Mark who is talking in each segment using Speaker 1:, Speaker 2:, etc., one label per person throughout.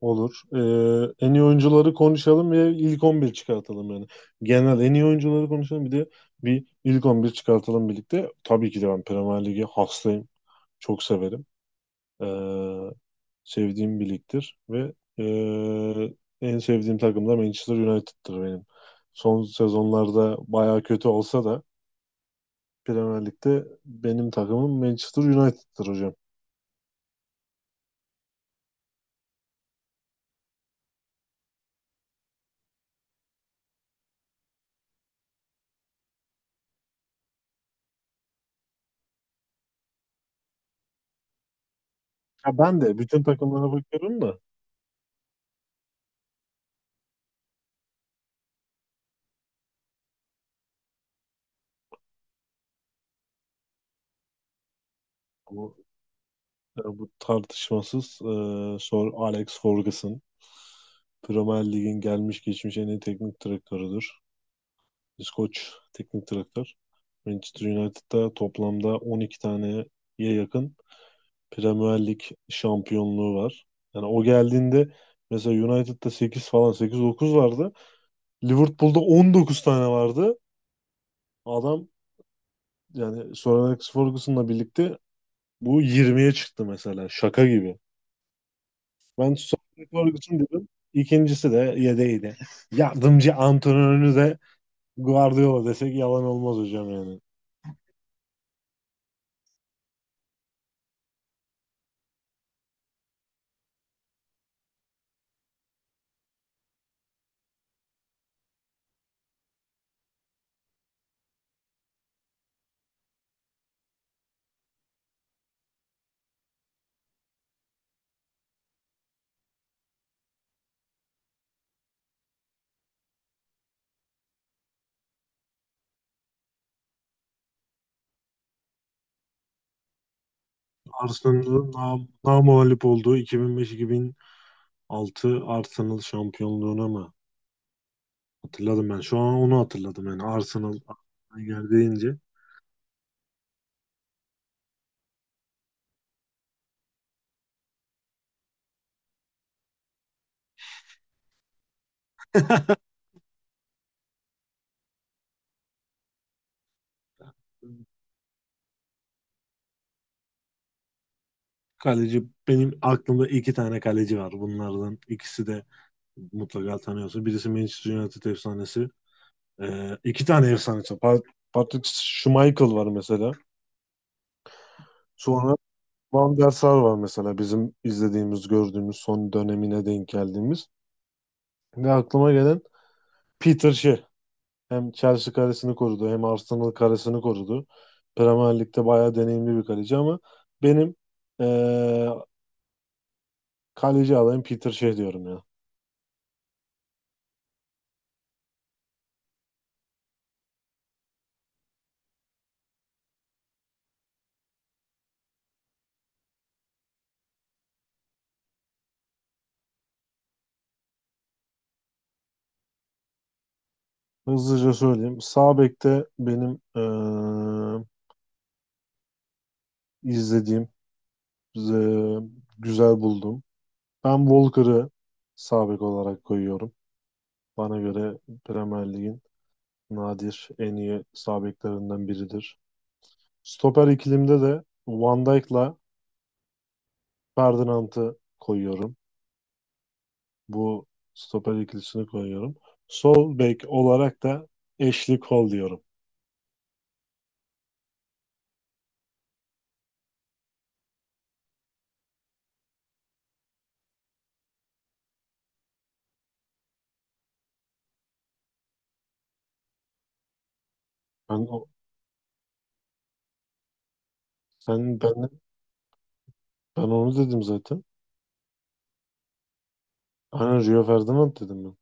Speaker 1: Olur. En iyi oyuncuları konuşalım ve ilk 11 çıkartalım yani. Genel en iyi oyuncuları konuşalım bir de bir ilk 11 çıkartalım birlikte. Tabii ki de ben Premier Lig'e hastayım. Çok severim. Ee, sevdiğim bir ligdir ve ee, en sevdiğim takım da Manchester United'tır benim. Son sezonlarda baya kötü olsa da Premier Lig'de benim takımım Manchester United'tır hocam. Ya ben de bütün takımlara bakıyorum da bu bu tartışmasız Sor Alex Ferguson. Premier Lig'in gelmiş geçmiş en iyi teknik direktörüdür. İskoç teknik direktör. Manchester United'da toplamda 12 taneye yakın Premier Lig şampiyonluğu var. Yani o geldiğinde mesela United'da 8 falan 8-9 vardı. Liverpool'da 19 tane vardı. Adam yani Sir Alex Ferguson'la birlikte bu 20'ye çıktı mesela. Şaka gibi. Ben Sony Ferguson dedim. İkincisi de yedeğiydi. Yardımcı antrenörü de Guardiola desek yalan olmaz hocam yani. Arsenal'ın namağlup olduğu 2005-2006 Arsenal şampiyonluğuna mı? Hatırladım ben. Şu an onu hatırladım yani. Arsenal aklıma geldi deyince. Kaleci benim aklımda iki tane kaleci var. Bunlardan ikisi de mutlaka tanıyorsun. Birisi Manchester United efsanesi. İki tane efsanesi. Patrick Schmeichel var mesela. Sonra Van der Sar var mesela bizim izlediğimiz, gördüğümüz son dönemine denk geldiğimiz. Ve aklıma gelen Peter Shea. Hem Chelsea karesini korudu hem Arsenal karesini korudu. Premier Lig'de bayağı deneyimli bir kaleci ama benim eee, kaleci adayım Peter Shea diyorum ya. Hızlıca söyleyeyim. Sağ bekte benim izlediğim, eee, güzel buldum. Ben Walker'ı sağ bek olarak koyuyorum. Bana göre Premier Lig'in nadir en iyi sağ beklerinden biridir. Stoper ikilimde de Van Dijk'la Ferdinand'ı koyuyorum. Bu stoper ikilisini koyuyorum. Sol bek olarak da Ashley Cole diyorum. Ben o- sen ben ben onu dedim zaten. Aynen Rio Ferdinand dedim ben.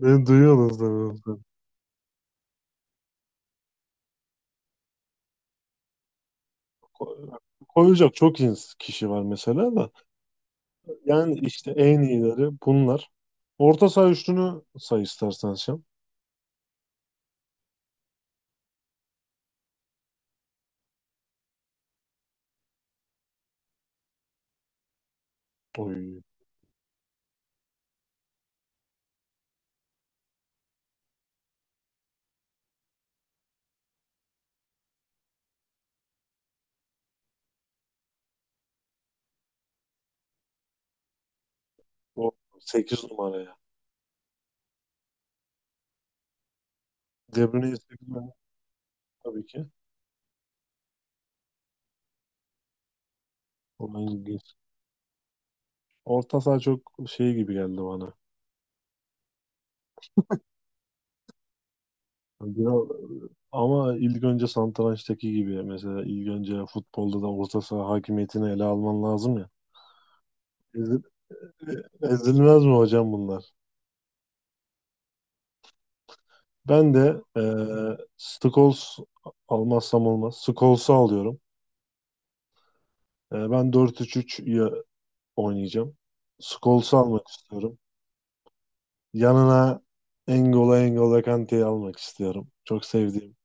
Speaker 1: Beni duyuyordunuz da ben- Ko- Koyacak çok kişi var mesela da. Yani işte en iyileri bunlar. Orta saha üçlünü say istersen sen. Oy. O 8 numara ya. De Bruyne'yi seviyorum tabii ki. Ondan ilginç. Orta saha çok şey gibi geldi bana. Yani biraz, ama ilk önce satrançtaki gibi mesela ilk önce futbolda da orta saha hakimiyetini ele alman lazım ya. Ezil- ezilmez mi hocam bunlar? Ben de Scholes almazsam olmaz. Scholes'u alıyorum. Ben dört üç 3 oynayacağım. Scholes'u almak istiyorum. Yanına N'Golo Kante'yi almak istiyorum. Çok sevdiğim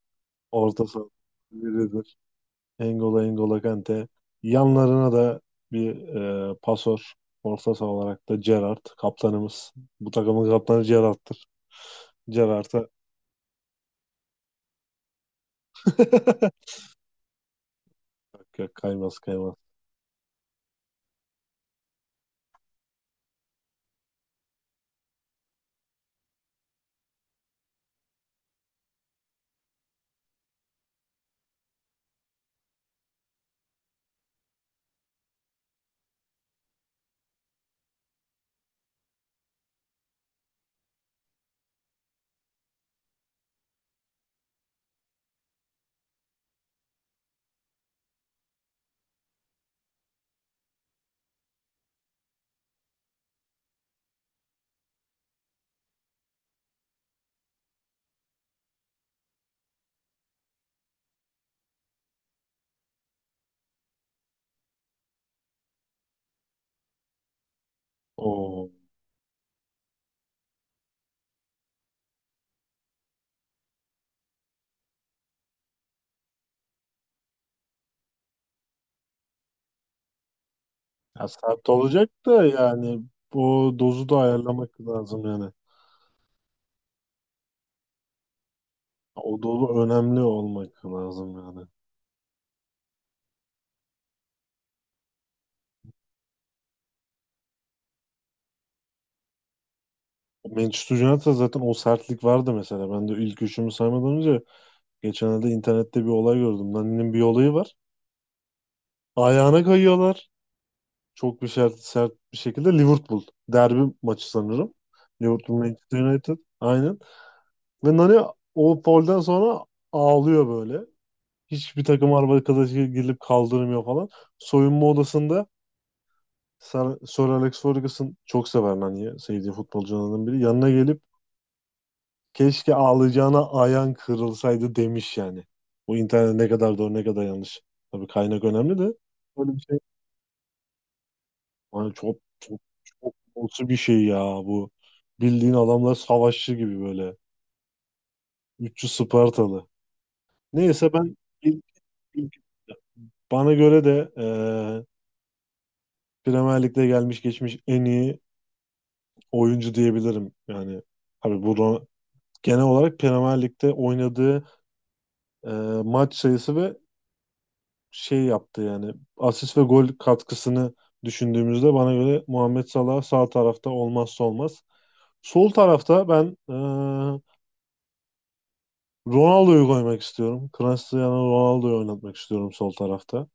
Speaker 1: orta saha biridir. Engola Kante. Yanlarına da bir pasör. Orta saha olarak da Gerrard kaptanımız. Bu takımın kaptanı Gerrard'tır. Gerrard'a Yok, yok, kaymaz kaymaz. O ya sert olacak da yani bu dozu da ayarlamak lazım yani. O dozu önemli olmak lazım yani. Manchester United'da zaten o sertlik vardı mesela. Ben de ilk üçümü saymadan önce geçenlerde internette bir olay gördüm. Nani'nin bir olayı var. Ayağına kayıyorlar. Çok bir sert, sert bir şekilde Liverpool derbi maçı sanırım. Liverpool Manchester United. Aynen. Ve Nani o polden sonra ağlıyor böyle. Hiçbir takım arkadaşı gelip kaldırmıyor falan. Soyunma odasında Sir, Sir Alex Ferguson çok sever Nani'yi. Sevdiği futbolcularından biri. Yanına gelip keşke ağlayacağına ayağın kırılsaydı demiş yani. Bu internet ne kadar doğru ne kadar yanlış. Tabii kaynak önemli de. Böyle bir şey. Hani çok çok çok olası bir şey ya bu. Bildiğin adamlar savaşçı gibi böyle. Üççü Spartalı. Neyse ben ilk- ilk- bana göre de Premier Lig'de gelmiş geçmiş en iyi oyuncu diyebilirim. Yani tabii burada genel olarak Premier Lig'de oynadığı eee, maç sayısı ve şey yaptı yani asist ve gol katkısını düşündüğümüzde bana göre Muhammed Salah sağ tarafta olmazsa olmaz. Sol tarafta ben Ronaldo'yu koymak istiyorum. Cristiano Ronaldo'yu oynatmak istiyorum sol tarafta.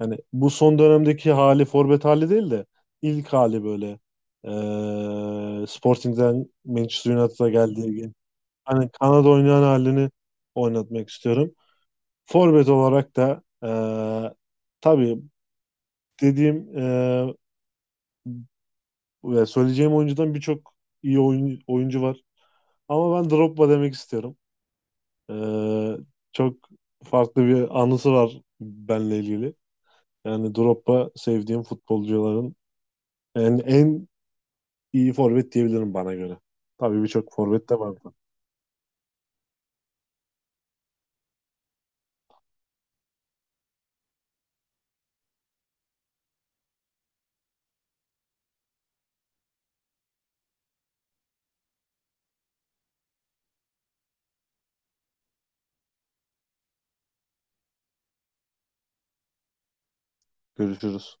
Speaker 1: Yani bu son dönemdeki hali forvet hali değil de ilk hali böyle Sporting'den Manchester United'a geldiği gün. Hani Kanada oynayan halini oynatmak istiyorum. Forvet olarak da tabii dediğim ve söyleyeceğim oyuncudan birçok iyi oyuncu var. Ama ben Drogba demek istiyorum. Eee, çok farklı bir anısı var benle ilgili. Yani Drogba sevdiğim futbolcuların en iyi forvet diyebilirim bana göre. Tabii birçok forvet de vardı. Görüşürüz.